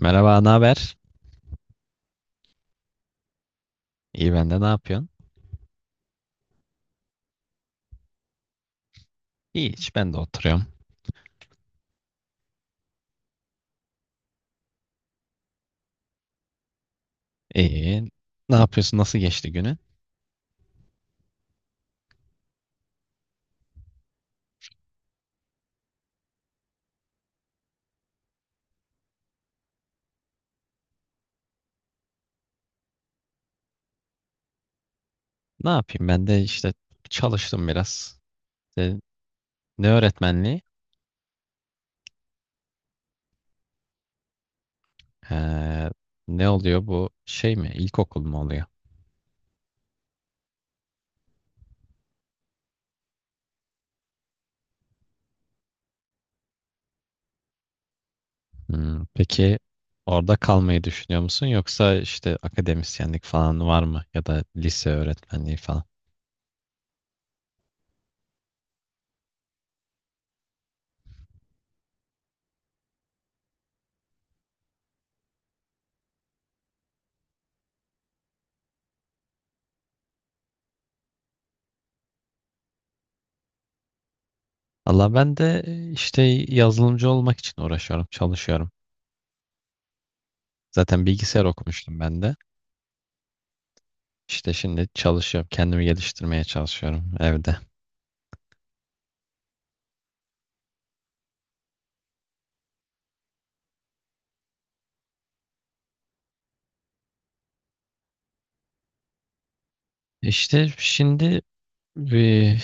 Merhaba, ne haber? İyi ben de ne yapıyorsun? İyi hiç ben de oturuyorum. İyi. Ne yapıyorsun? Nasıl geçti günü? Ne yapayım? Ben de işte çalıştım biraz. İşte ne öğretmenliği? Ee, ne oluyor bu şey mi? İlkokul mu oluyor? Peki orada kalmayı düşünüyor musun? Yoksa işte akademisyenlik falan var mı? Ya da lise öğretmenliği falan. Allah ben de işte yazılımcı olmak için uğraşıyorum, çalışıyorum. Zaten bilgisayar okumuştum ben de. İşte şimdi çalışıyorum. Kendimi geliştirmeye çalışıyorum evde. İşte şimdi bir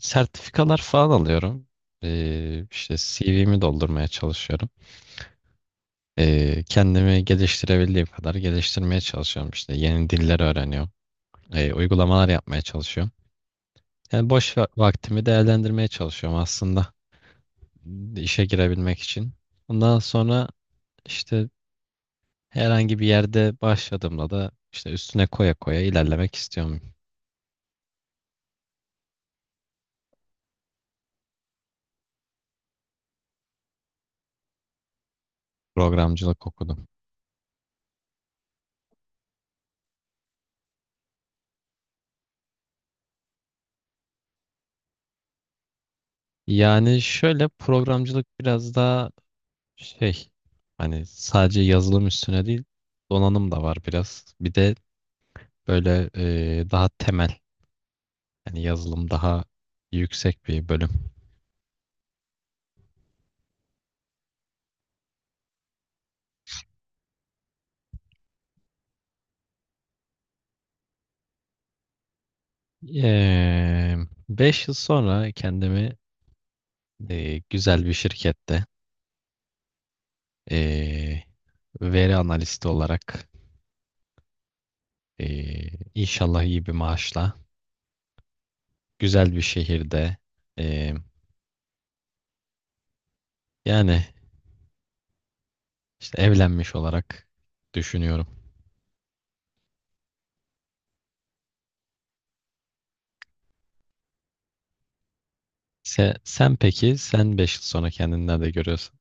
sertifikalar falan alıyorum. İşte CV'mi doldurmaya çalışıyorum. Kendimi geliştirebildiğim kadar geliştirmeye çalışıyorum. İşte yeni diller öğreniyorum. Uygulamalar yapmaya çalışıyorum. Yani boş vaktimi değerlendirmeye çalışıyorum aslında işe girebilmek için. Ondan sonra işte herhangi bir yerde başladığımda da işte üstüne koya koya ilerlemek istiyorum. Programcılık okudum. Yani şöyle programcılık biraz daha şey, hani sadece yazılım üstüne değil, donanım da var biraz. Bir de böyle daha temel, yani yazılım daha yüksek bir bölüm. Eee 5 yıl sonra kendimi güzel bir şirkette, e, veri analisti olarak, e, inşallah iyi bir maaşla, güzel bir şehirde, e, yani İşte evlenmiş olarak düşünüyorum. Sen peki, sen 5 yıl sonra kendini nerede görüyorsun?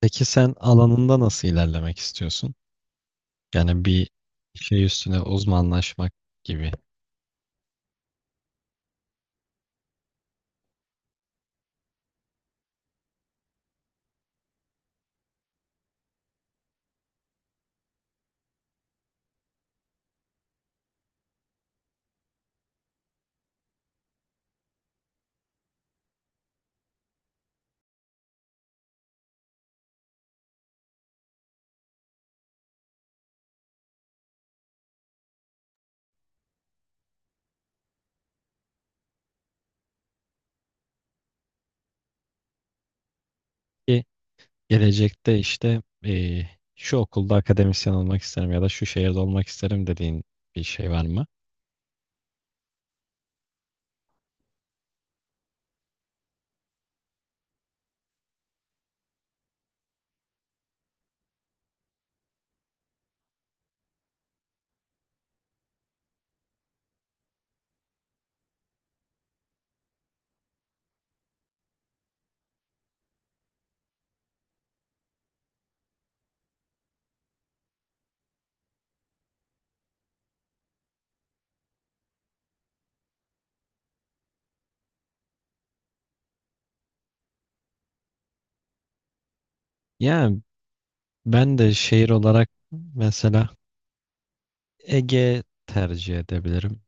Peki sen alanında nasıl ilerlemek istiyorsun? Yani bir şey üstüne uzmanlaşmak gibi. Ki gelecekte işte şu okulda akademisyen olmak isterim ya da şu şehirde olmak isterim dediğin bir şey var mı? Yani ben de şehir olarak, mesela, Ege tercih edebilirim.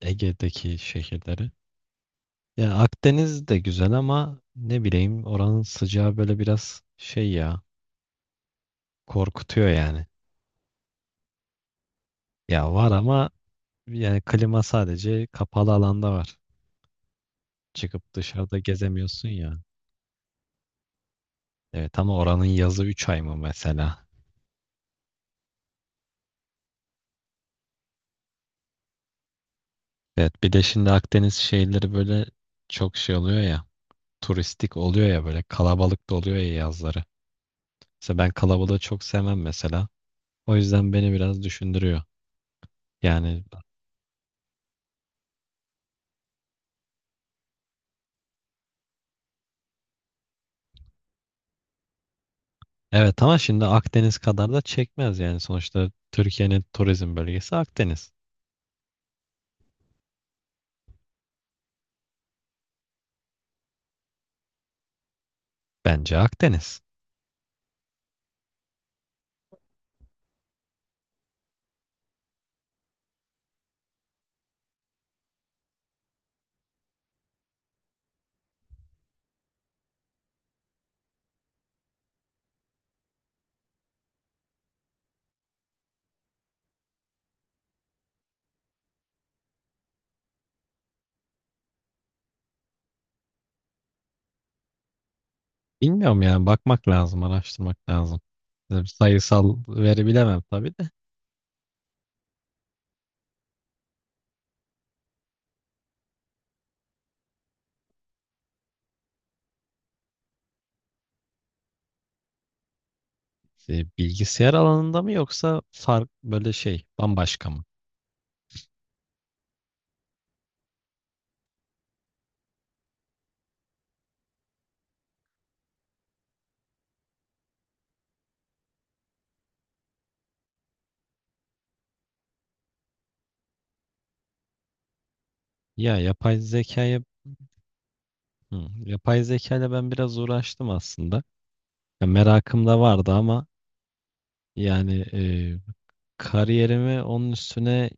Ege'deki şehirleri. Ya Akdeniz de güzel ama ne bileyim, oranın sıcağı böyle biraz şey ya, korkutuyor yani. Ya var ama yani klima sadece kapalı alanda var. Çıkıp dışarıda gezemiyorsun ya. Evet ama oranın yazı 3 ay mı mesela? Evet, bir de şimdi Akdeniz şehirleri böyle çok şey oluyor ya. Turistik oluyor ya, böyle kalabalık da oluyor ya, yazları. Mesela ben kalabalığı çok sevmem, mesela. O yüzden beni biraz düşündürüyor. Yani evet, ama şimdi Akdeniz kadar da çekmez yani, sonuçta Türkiye'nin turizm bölgesi Akdeniz. Bence Akdeniz. Bilmiyorum yani, bakmak lazım, araştırmak lazım. Size bir sayısal veri bilemem tabii de. E, bilgisayar alanında mı yoksa fark böyle şey bambaşka mı? Ya, yapay zekayla ben biraz uğraştım aslında. Ya, merakım da vardı ama yani kariyerimi onun üstüne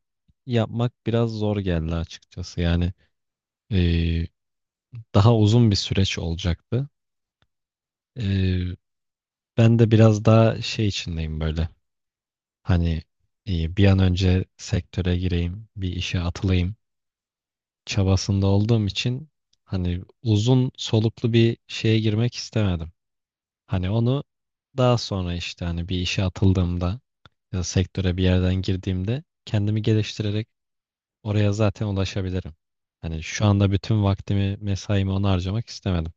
yapmak biraz zor geldi açıkçası. Yani e, daha uzun bir süreç olacaktı. Ee, ben de biraz daha şey içindeyim böyle. Hani bir an önce sektöre gireyim, bir işe atılayım çabasında olduğum için hani uzun soluklu bir şeye girmek istemedim. Hani onu daha sonra, işte, hani bir işe atıldığımda ya da sektöre bir yerden girdiğimde kendimi geliştirerek oraya zaten ulaşabilirim. Hani şu anda bütün vaktimi, mesaimi ona harcamak istemedim.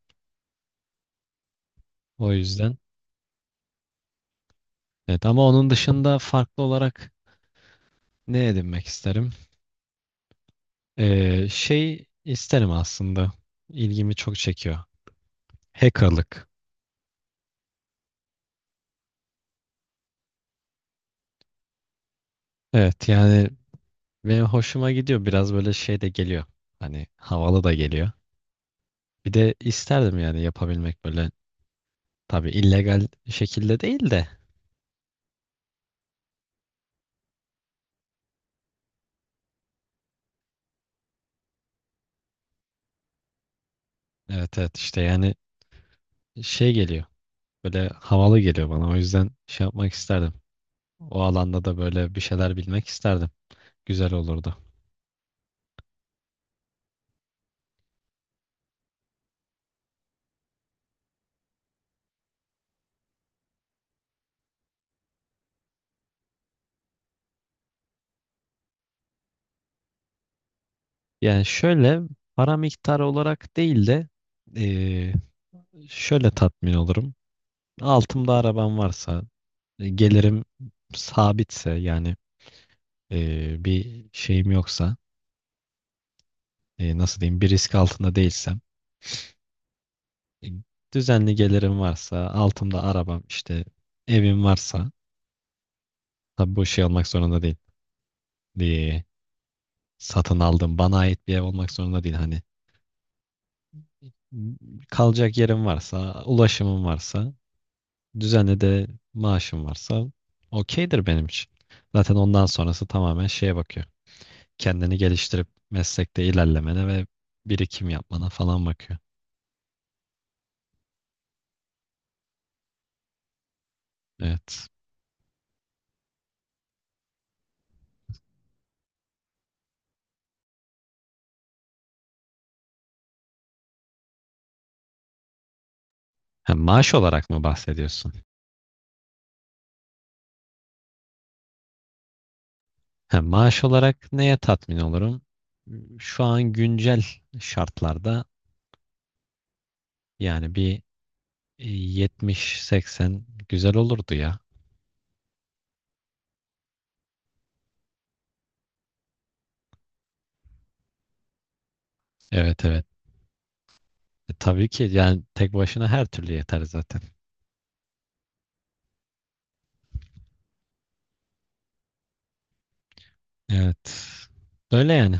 O yüzden, evet, ama onun dışında farklı olarak ne edinmek isterim? Şey isterim aslında. İlgimi çok çekiyor. Hackerlık. Evet yani benim hoşuma gidiyor. Biraz böyle şey de geliyor. Hani havalı da geliyor. Bir de isterdim yani yapabilmek böyle. Tabii illegal şekilde değil de. Evet, evet, işte yani şey geliyor. Böyle havalı geliyor bana. O yüzden şey yapmak isterdim. O alanda da böyle bir şeyler bilmek isterdim. Güzel olurdu. Yani şöyle, para miktarı olarak değil de eee, şöyle tatmin olurum. Altımda arabam varsa, gelirim sabitse yani, bir şeyim yoksa, nasıl diyeyim, bir risk altında değilsem, e, düzenli gelirim varsa, altımda arabam, işte, evim varsa. Tabii bu şey olmak zorunda değil. Ee, satın aldım, bana ait bir ev olmak zorunda değil. Hani kalacak yerim varsa, ulaşımım varsa, düzenli de maaşım varsa, okeydir benim için. Zaten ondan sonrası tamamen şeye bakıyor. Kendini geliştirip meslekte ilerlemene ve birikim yapmana falan bakıyor. Evet. Hem maaş olarak mı bahsediyorsun? Hem maaş olarak neye tatmin olurum? Şu an güncel şartlarda yani bir 70-80 güzel olurdu ya. Evet, evet. E, tabii ki yani tek başına her türlü yeter zaten. Evet. Öyle yani.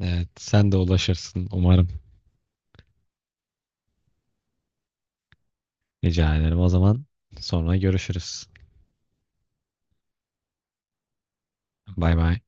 Evet, sen de ulaşırsın umarım. Rica ederim. O zaman sonra görüşürüz. Bay bay.